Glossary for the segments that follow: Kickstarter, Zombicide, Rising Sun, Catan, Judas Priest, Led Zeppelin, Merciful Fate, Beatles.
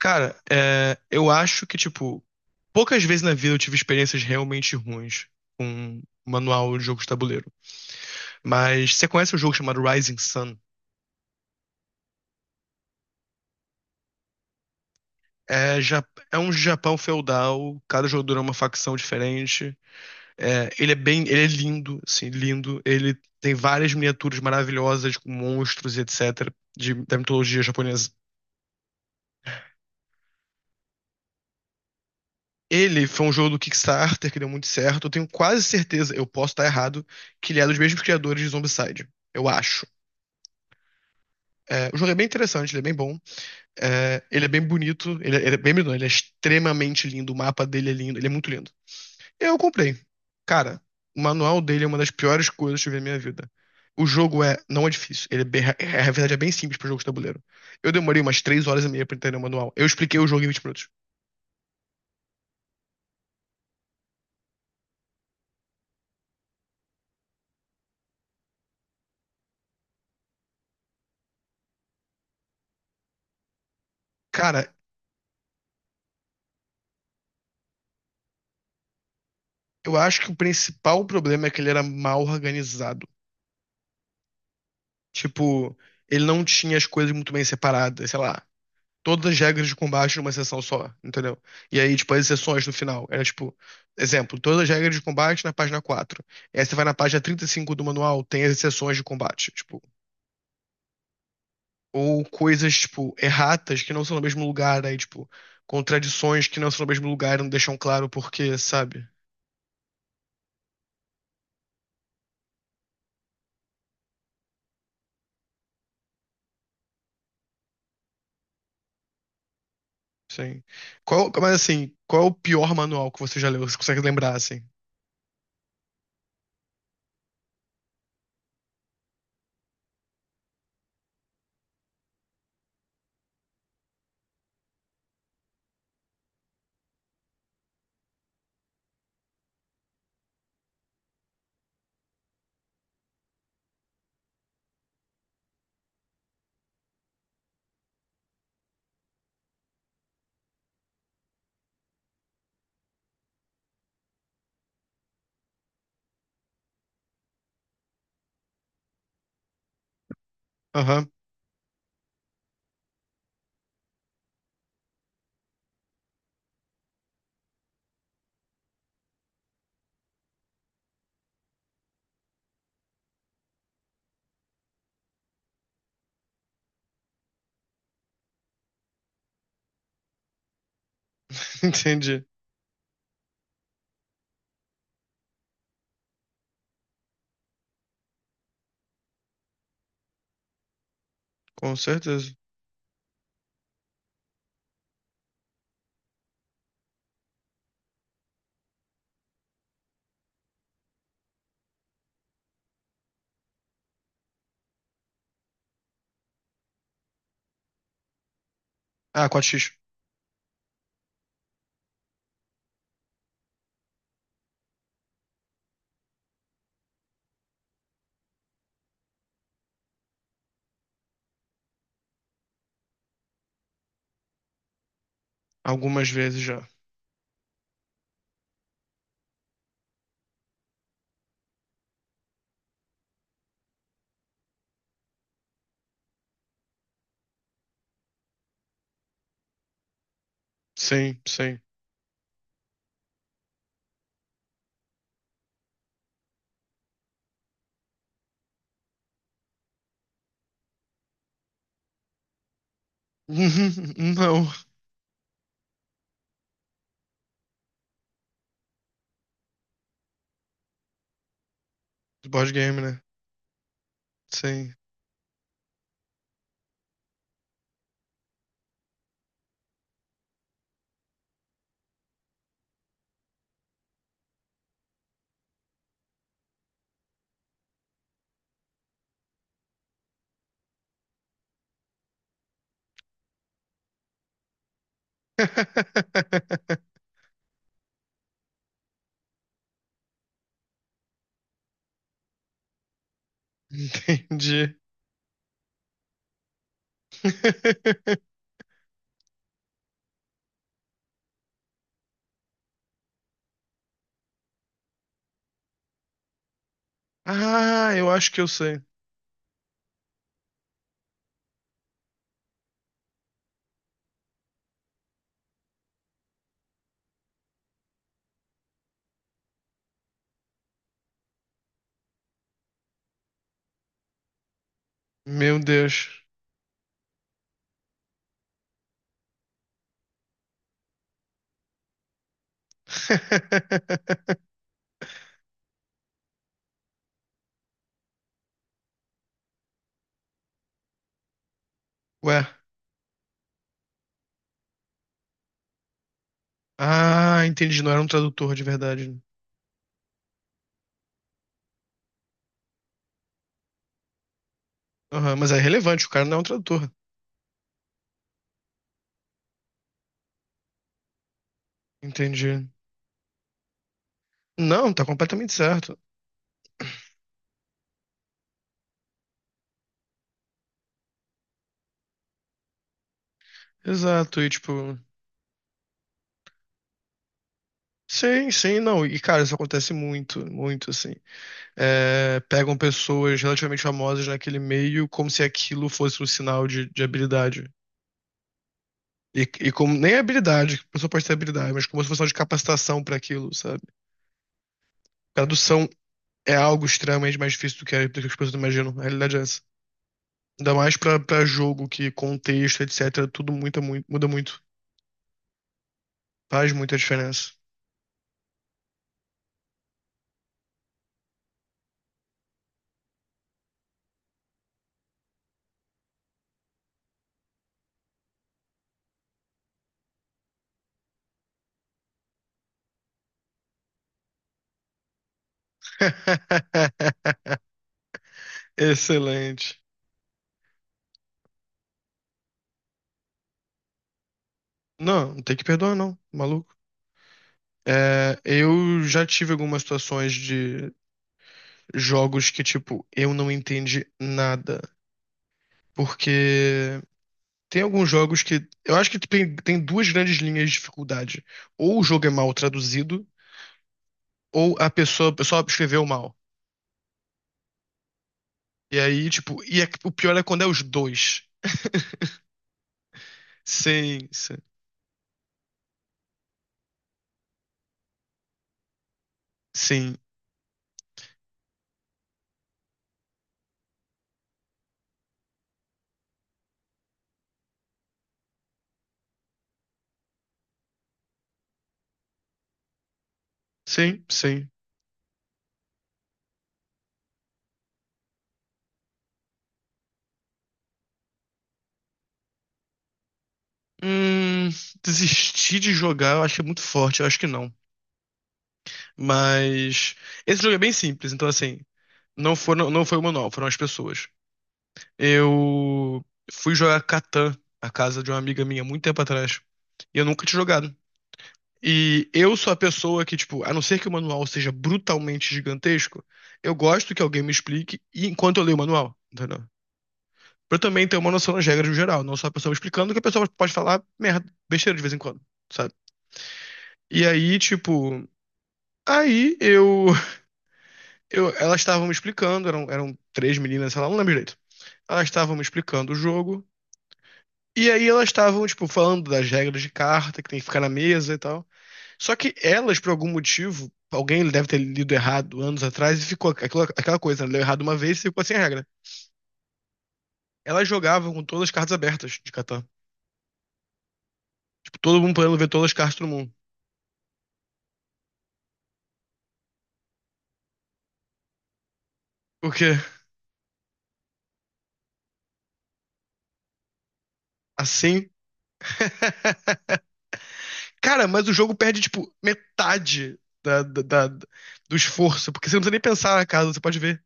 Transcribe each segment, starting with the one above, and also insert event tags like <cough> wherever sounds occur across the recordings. Cara, eu acho que, tipo, poucas vezes na vida eu tive experiências realmente ruins com um manual de jogo de tabuleiro. Mas você conhece um jogo chamado Rising Sun? É, ja- É um Japão feudal, cada jogador é uma facção diferente. Ele é lindo, assim, lindo. Ele tem várias miniaturas maravilhosas com monstros e etc. Da mitologia japonesa. Ele foi um jogo do Kickstarter que deu muito certo. Eu tenho quase certeza, eu posso estar errado, que ele é dos mesmos criadores de Zombicide. Eu acho. O jogo é bem interessante, ele é bem bom. Ele é bem bonito. Ele é bem bonito, não, ele é extremamente lindo. O mapa dele é lindo, ele é muito lindo. Eu comprei. Cara, o manual dele é uma das piores coisas que eu vi na minha vida. O jogo não é difícil. Ele é bem, é- a verdade é bem simples para jogo de tabuleiro. Eu demorei umas 3 horas e meia pra entender o manual. Eu expliquei o jogo em 20 minutos. Cara, eu acho que o principal problema é que ele era mal organizado. Tipo, ele não tinha as coisas muito bem separadas, sei lá. Todas as regras de combate numa sessão só, entendeu? E aí, tipo, as exceções no final. Era tipo, exemplo, todas as regras de combate na página 4. E aí você vai na página 35 do manual, tem as exceções de combate, tipo, ou coisas, tipo, erratas que não são no mesmo lugar, aí, tipo, contradições que não são no mesmo lugar e não deixam claro o porquê, sabe? Sim. Mas assim, qual é o pior manual que você já leu? Você consegue lembrar, assim? Aham, <laughs> entendi. Com certeza. Ah, 4X. Algumas vezes já. Sim, sim. Uhum, não, de board game, né? Sim. <laughs> Entendi. <laughs> Ah, eu acho que eu sei. Meu Deus. <laughs> Ué. Ah, entendi. Não era um tradutor de verdade, né? Aham, mas é relevante, o cara não é um tradutor. Entendi. Não, tá completamente certo. Exato, e tipo. Sim, sim, não. E cara, isso acontece muito, muito assim. É, pegam pessoas relativamente famosas naquele meio como se aquilo fosse um sinal de habilidade. E como nem é habilidade, que a pessoa pode ter habilidade, mas como se fosse um sinal de capacitação para aquilo, sabe? Tradução é algo extremamente mais difícil do que, do que as pessoas imaginam. A realidade é essa. Ainda mais pra jogo, que contexto, etc. Tudo muda muito. Faz muita diferença. <laughs> Excelente. Não, não tem que perdoar, não, maluco. É, eu já tive algumas situações de jogos que, tipo, eu não entendi nada. Porque tem alguns jogos que. Eu acho que tem duas grandes linhas de dificuldade. Ou o jogo é mal traduzido, ou a pessoa, o pessoal escreveu mal. E aí, tipo, o pior é quando é os dois. Sim, sim, sim, sim, sim. Hum, desistir de jogar, eu acho que é muito forte, eu acho que não. Mas esse jogo é bem simples, então assim, não foi o manual, foram as pessoas. Eu fui jogar Catan na casa de uma amiga minha muito tempo atrás. E eu nunca tinha jogado. E eu sou a pessoa que, tipo, a não ser que o manual seja brutalmente gigantesco, eu gosto que alguém me explique enquanto eu leio o manual, entendeu? Pra eu também ter uma noção das regras no geral, não só a pessoa me explicando, que a pessoa pode falar merda, besteira de vez em quando, sabe? E aí, tipo, aí eu elas estavam me explicando, eram três meninas, sei lá, não lembro direito. Elas estavam me explicando o jogo. E aí elas estavam, tipo, falando das regras de carta, que tem que ficar na mesa e tal. Só que elas, por algum motivo, alguém deve ter lido errado anos atrás e ficou aquela coisa, né? Leu errado uma vez e ficou sem regra. Elas jogavam com todas as cartas abertas de Catan. Tipo, todo mundo podendo ver todas as cartas do mundo. Porque assim. <laughs> Cara, mas o jogo perde, tipo, metade do esforço, porque você não precisa nem pensar na casa, você pode ver.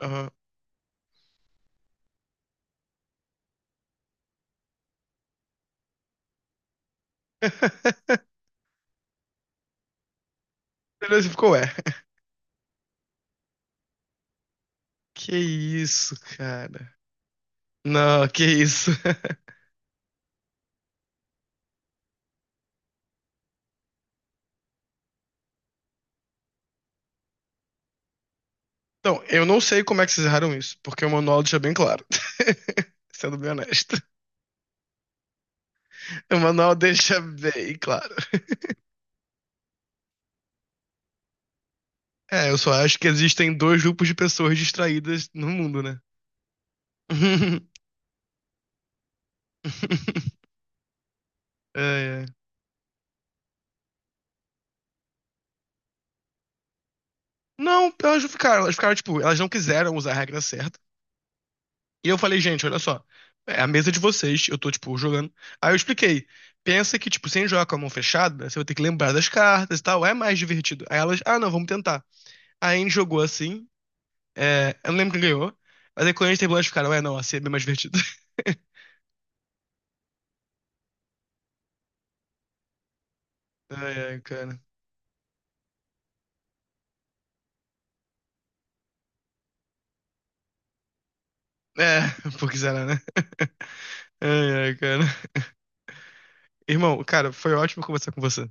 Aham. <laughs> Beleza, ficou, ué. <laughs> Que isso, cara. Não, que isso. <laughs> Então, eu não sei como é que vocês erraram isso, porque o manual deixa bem claro. <laughs> Sendo bem honesto. O manual deixa bem claro. É, eu só acho que existem dois grupos de pessoas distraídas no mundo, né? <laughs> É, é. Não, então elas não ficaram, elas ficaram, tipo, elas não quiseram usar a regra certa. E eu falei, gente, olha só, é a mesa de vocês, eu tô, tipo, jogando. Aí eu expliquei, pensa que, tipo, sem jogar com a mão fechada, você vai ter que lembrar das cartas e tal, é mais divertido. Aí elas, ah, não, vamos tentar. Aí a gente jogou assim. É, eu não lembro quem ganhou, mas aí quando a gente terminou, eles ficaram, é, não, assim é bem mais divertido. <laughs> Ai, ai, cara. É, <laughs> porque será, né? <laughs> Ai, ai, cara. Irmão, cara, foi ótimo conversar com você.